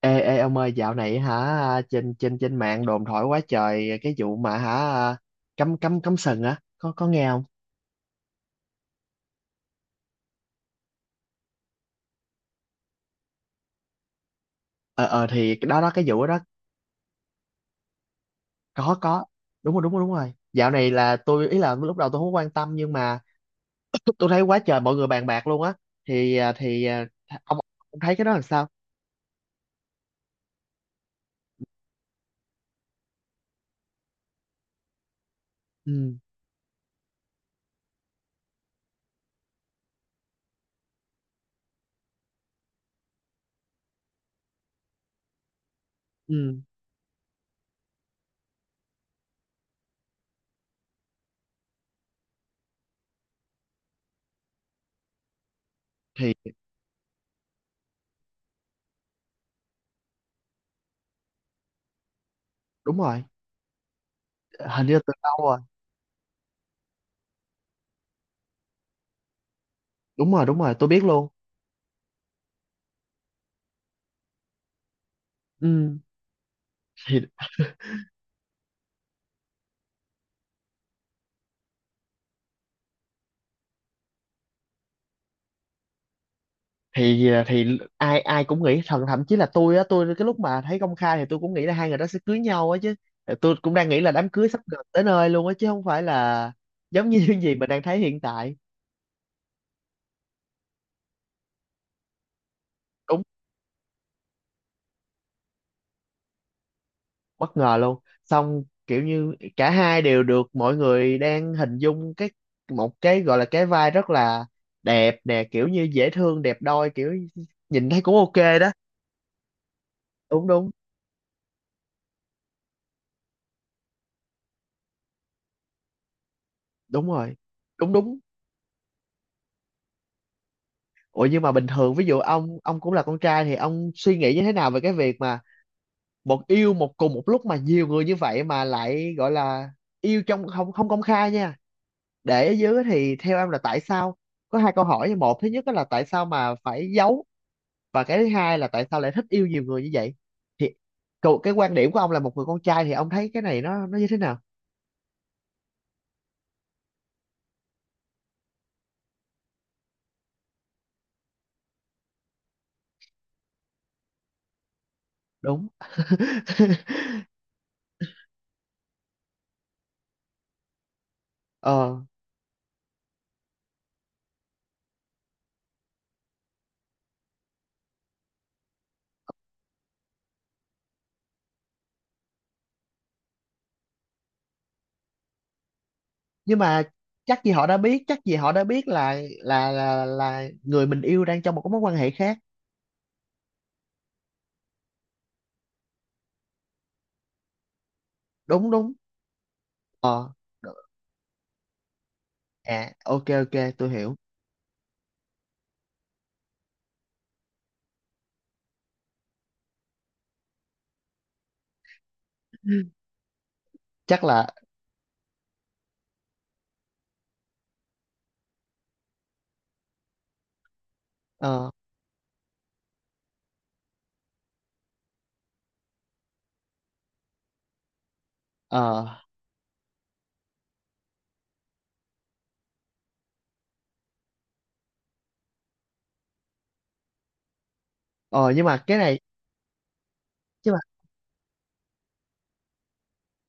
Ê, ông ơi, dạo này trên trên trên mạng đồn thổi quá trời cái vụ mà cấm cấm cấm sừng á, có nghe không? Ờ thì cái đó đó cái vụ đó. Có, có. Đúng rồi, dạo này là tôi, ý là lúc đầu tôi không có quan tâm, nhưng mà tôi thấy quá trời mọi người bàn bạc luôn á. Thì ông, ông thấy cái đó làm sao? Ừ. Ừ thì đúng rồi. Hình như là từ lâu rồi. Đúng rồi, tôi biết luôn. Ừ. Thì thì ai ai cũng nghĩ, thậm thậm chí là tôi á, tôi cái lúc mà thấy công khai thì tôi cũng nghĩ là hai người đó sẽ cưới nhau á chứ. Ờ, tôi cũng đang nghĩ là đám cưới sắp gần tới nơi luôn á, chứ không phải là giống như những gì mình đang thấy hiện tại. Đúng. Bất ngờ luôn. Xong kiểu như cả hai đều được mọi người đang hình dung cái một cái gọi là cái vai rất là đẹp nè, kiểu như dễ thương, đẹp đôi, kiểu nhìn thấy cũng ok đó. Đúng, đúng. Đúng rồi. Đúng, đúng. Ủa, nhưng mà bình thường ví dụ ông cũng là con trai thì ông suy nghĩ như thế nào về cái việc mà một yêu một cùng một lúc mà nhiều người như vậy, mà lại gọi là yêu trong không không công khai nha. Để ở dưới thì theo em là tại sao? Có hai câu hỏi. Một, thứ nhất đó là tại sao mà phải giấu, và cái thứ hai là tại sao lại thích yêu nhiều người như vậy? Thì cái quan điểm của ông là một người con trai, thì ông thấy cái này nó như thế nào? Đúng. Ờ, nhưng mà chắc gì họ đã biết, chắc gì họ đã biết là người mình yêu đang trong một cái mối quan hệ khác. Đúng, đúng. Ờ. đ- À, ok, ok, tôi hiểu. Chắc là. ờ ờ ờ nhưng mà cái này, mà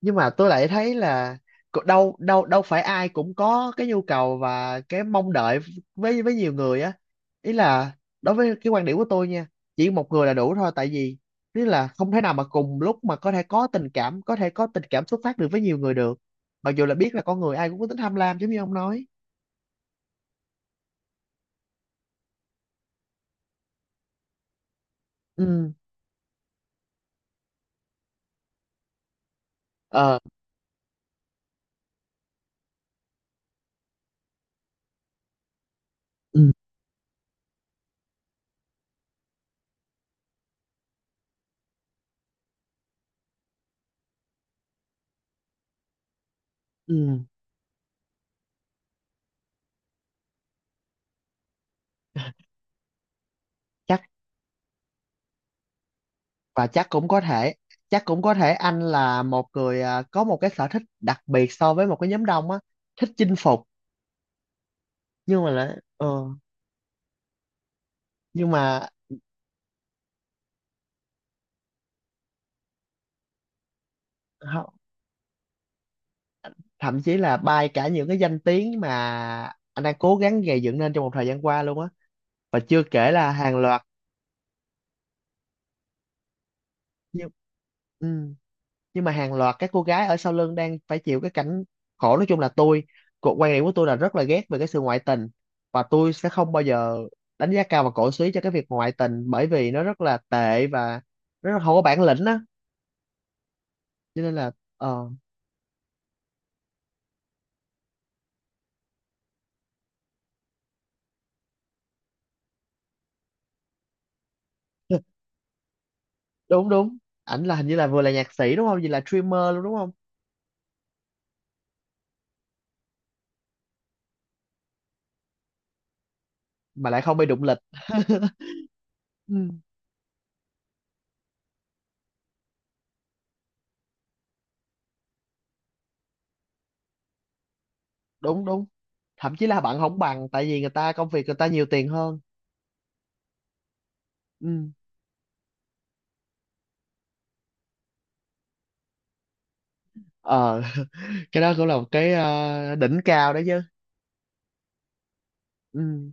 nhưng mà tôi lại thấy là đâu, đâu phải ai cũng có cái nhu cầu và cái mong đợi với nhiều người á. Ý là đối với cái quan điểm của tôi nha, chỉ một người là đủ thôi. Tại vì ý là không thể nào mà cùng lúc mà có thể có tình cảm, có thể có tình cảm xuất phát được với nhiều người được, mặc dù là biết là con người ai cũng có tính tham lam giống như ông nói. Ừ. Ờ. ừ ừ Chắc, chắc cũng có thể, chắc cũng có thể anh là một người có một cái sở thích đặc biệt so với một cái nhóm đông á, thích chinh phục. Nhưng mà lại, ờ, nhưng mà họ- thậm chí là bay cả những cái danh tiếng mà anh đang cố gắng gầy dựng nên trong một thời gian qua luôn á, và chưa kể là hàng loạt. Nhưng ừ, nhưng mà hàng loạt các cô gái ở sau lưng đang phải chịu cái cảnh khổ. Nói chung là tôi, quan điểm của tôi là rất là ghét về cái sự ngoại tình, và tôi sẽ không bao giờ đánh giá cao và cổ suý cho cái việc ngoại tình, bởi vì nó rất là tệ và nó rất không có bản lĩnh á. Cho nên là ờ. Đúng, đúng. Ảnh là hình như là vừa là nhạc sĩ đúng không, vừa là streamer luôn đúng không? Mà lại không bị đụng lịch. Ừ, đúng, đúng. Thậm chí là bạn không bằng, tại vì người ta công việc người ta nhiều tiền hơn. Ừ. Ờ. Cái đó cũng là một cái đỉnh cao đấy chứ. Ừ,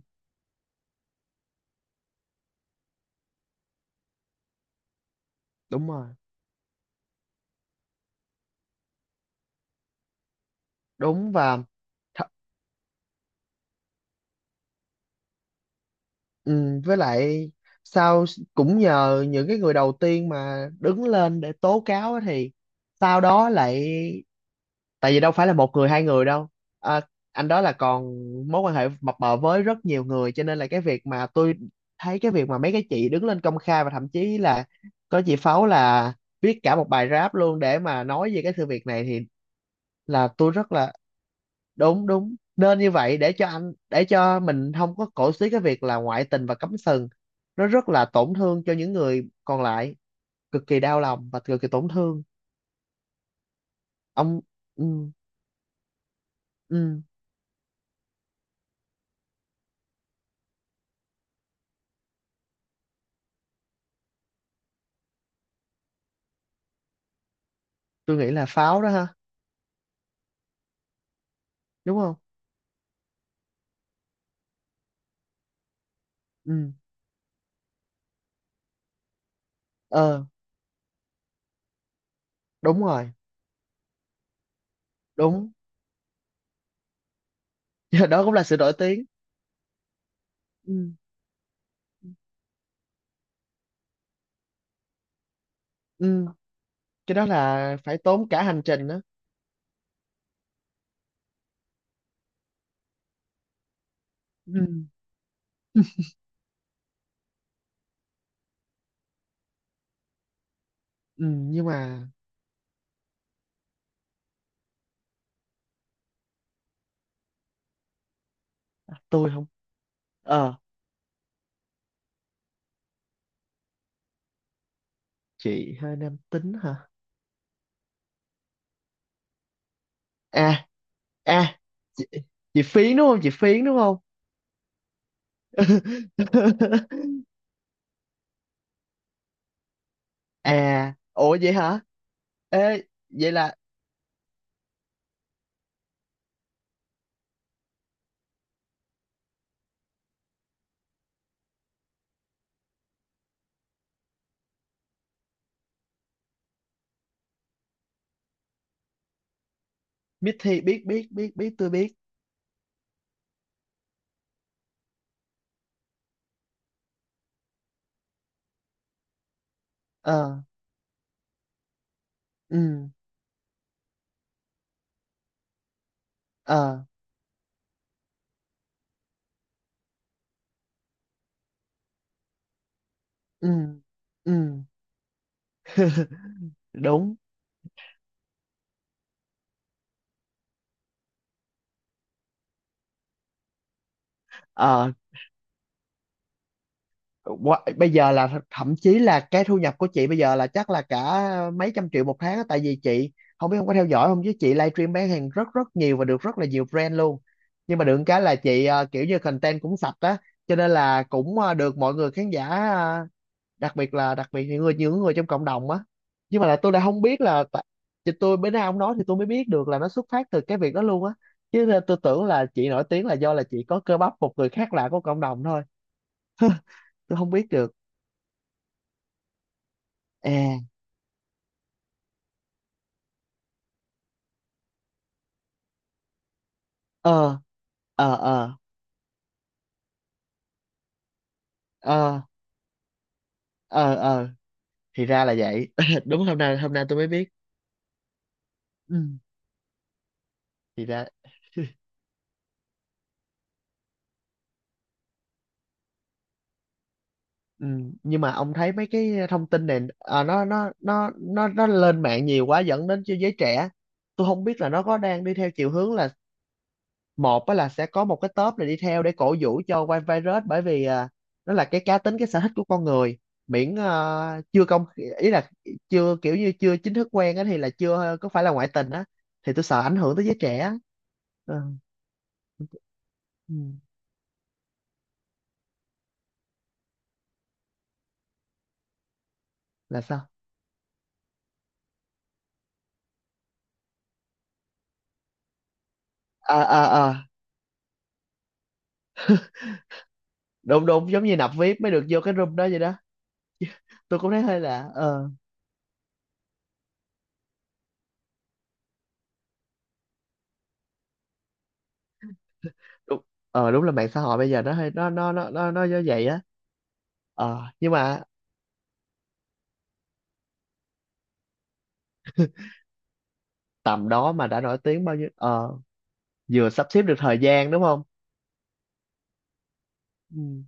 đúng rồi. Đúng. Và th- ừ, với lại sau, cũng nhờ những cái người đầu tiên mà đứng lên để tố cáo á, thì sau đó lại, tại vì đâu phải là một người, hai người đâu, à, anh đó là còn mối quan hệ mập mờ với rất nhiều người. Cho nên là cái việc mà tôi thấy cái việc mà mấy cái chị đứng lên công khai, và thậm chí là có chị Pháo là viết cả một bài rap luôn để mà nói về cái sự việc này, thì là tôi rất là đúng, đúng, nên như vậy. Để cho anh, để cho mình không có cổ xí cái việc là ngoại tình và cấm sừng, nó rất là tổn thương cho những người còn lại, cực kỳ đau lòng và cực kỳ tổn thương. Ông. Ừ, ừ, tôi nghĩ là Pháo đó ha, đúng không? Ừ. Ờ. Đúng rồi. Đúng. Đó cũng là sự nổi tiếng. Ừ. Ừ, cái đó là phải tốn cả hành trình đó. Ừ. Ừ, nhưng mà tôi không. Ờ, chị hơi nam tính hả? À, à, chị, chị Phiến đúng không, chị Phiến đúng không? À, ủa vậy hả? Ê, vậy là Mithy, biết biết biết biết, tôi biết. Ờ. Ừ. Ờ. ừ ừ. Đúng. Ờ. Bây giờ là thậm chí là cái thu nhập của chị bây giờ là chắc là cả mấy trăm triệu một tháng á, tại vì chị không biết không có theo dõi không, chứ chị livestream bán hàng rất rất nhiều và được rất là nhiều brand luôn. Nhưng mà được cái là chị ờ, kiểu như content cũng sạch á, cho nên là cũng ờ, được mọi người khán giả ờ, đặc biệt là đặc biệt những người, những người trong cộng đồng á. Nhưng mà là tôi lại không biết là chị, tôi bữa nay ông nói thì tôi mới biết được là nó xuất phát từ cái việc đó luôn á, chứ là tôi tưởng là chị nổi tiếng là do là chị có cơ bắp, một người khác lạ của cộng đồng thôi. Tôi không biết được. À. Ờ. ờ ờ ờ ờ ờ thì ra là vậy. Đúng, hôm nay tôi mới biết. Ừ. Thì ra. Ừ, nhưng mà ông thấy mấy cái thông tin này nó lên mạng nhiều quá, dẫn đến cho giới trẻ, tôi không biết là nó có đang đi theo chiều hướng là một á, là sẽ có một cái top này đi theo để cổ vũ cho White Virus, bởi vì nó là cái cá tính, cái sở thích của con người, miễn chưa công, ý là chưa kiểu như chưa chính thức quen á, thì là chưa có phải là ngoại tình á, thì tôi sợ ảnh hưởng tới giới trẻ á. Ờ, ừ, là sao? À, à, à, đúng, đúng, giống như nạp vip mới được vô cái room đó vậy đó. Tôi cũng thấy hơi lạ, ờ, đúng. Ờ, đúng là mạng xã hội bây giờ nó hơi, nó như vậy á. Ờ, nhưng mà tầm đó mà đã nổi tiếng bao nhiêu, ờ, vừa sắp xếp được thời gian đúng không? Ừ.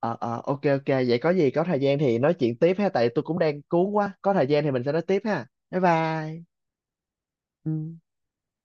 Ờ, ờ, ok, ok, vậy có gì có thời gian thì nói chuyện tiếp ha, tại tôi cũng đang cuốn quá, có thời gian thì mình sẽ nói tiếp ha, bye bye. Ừ.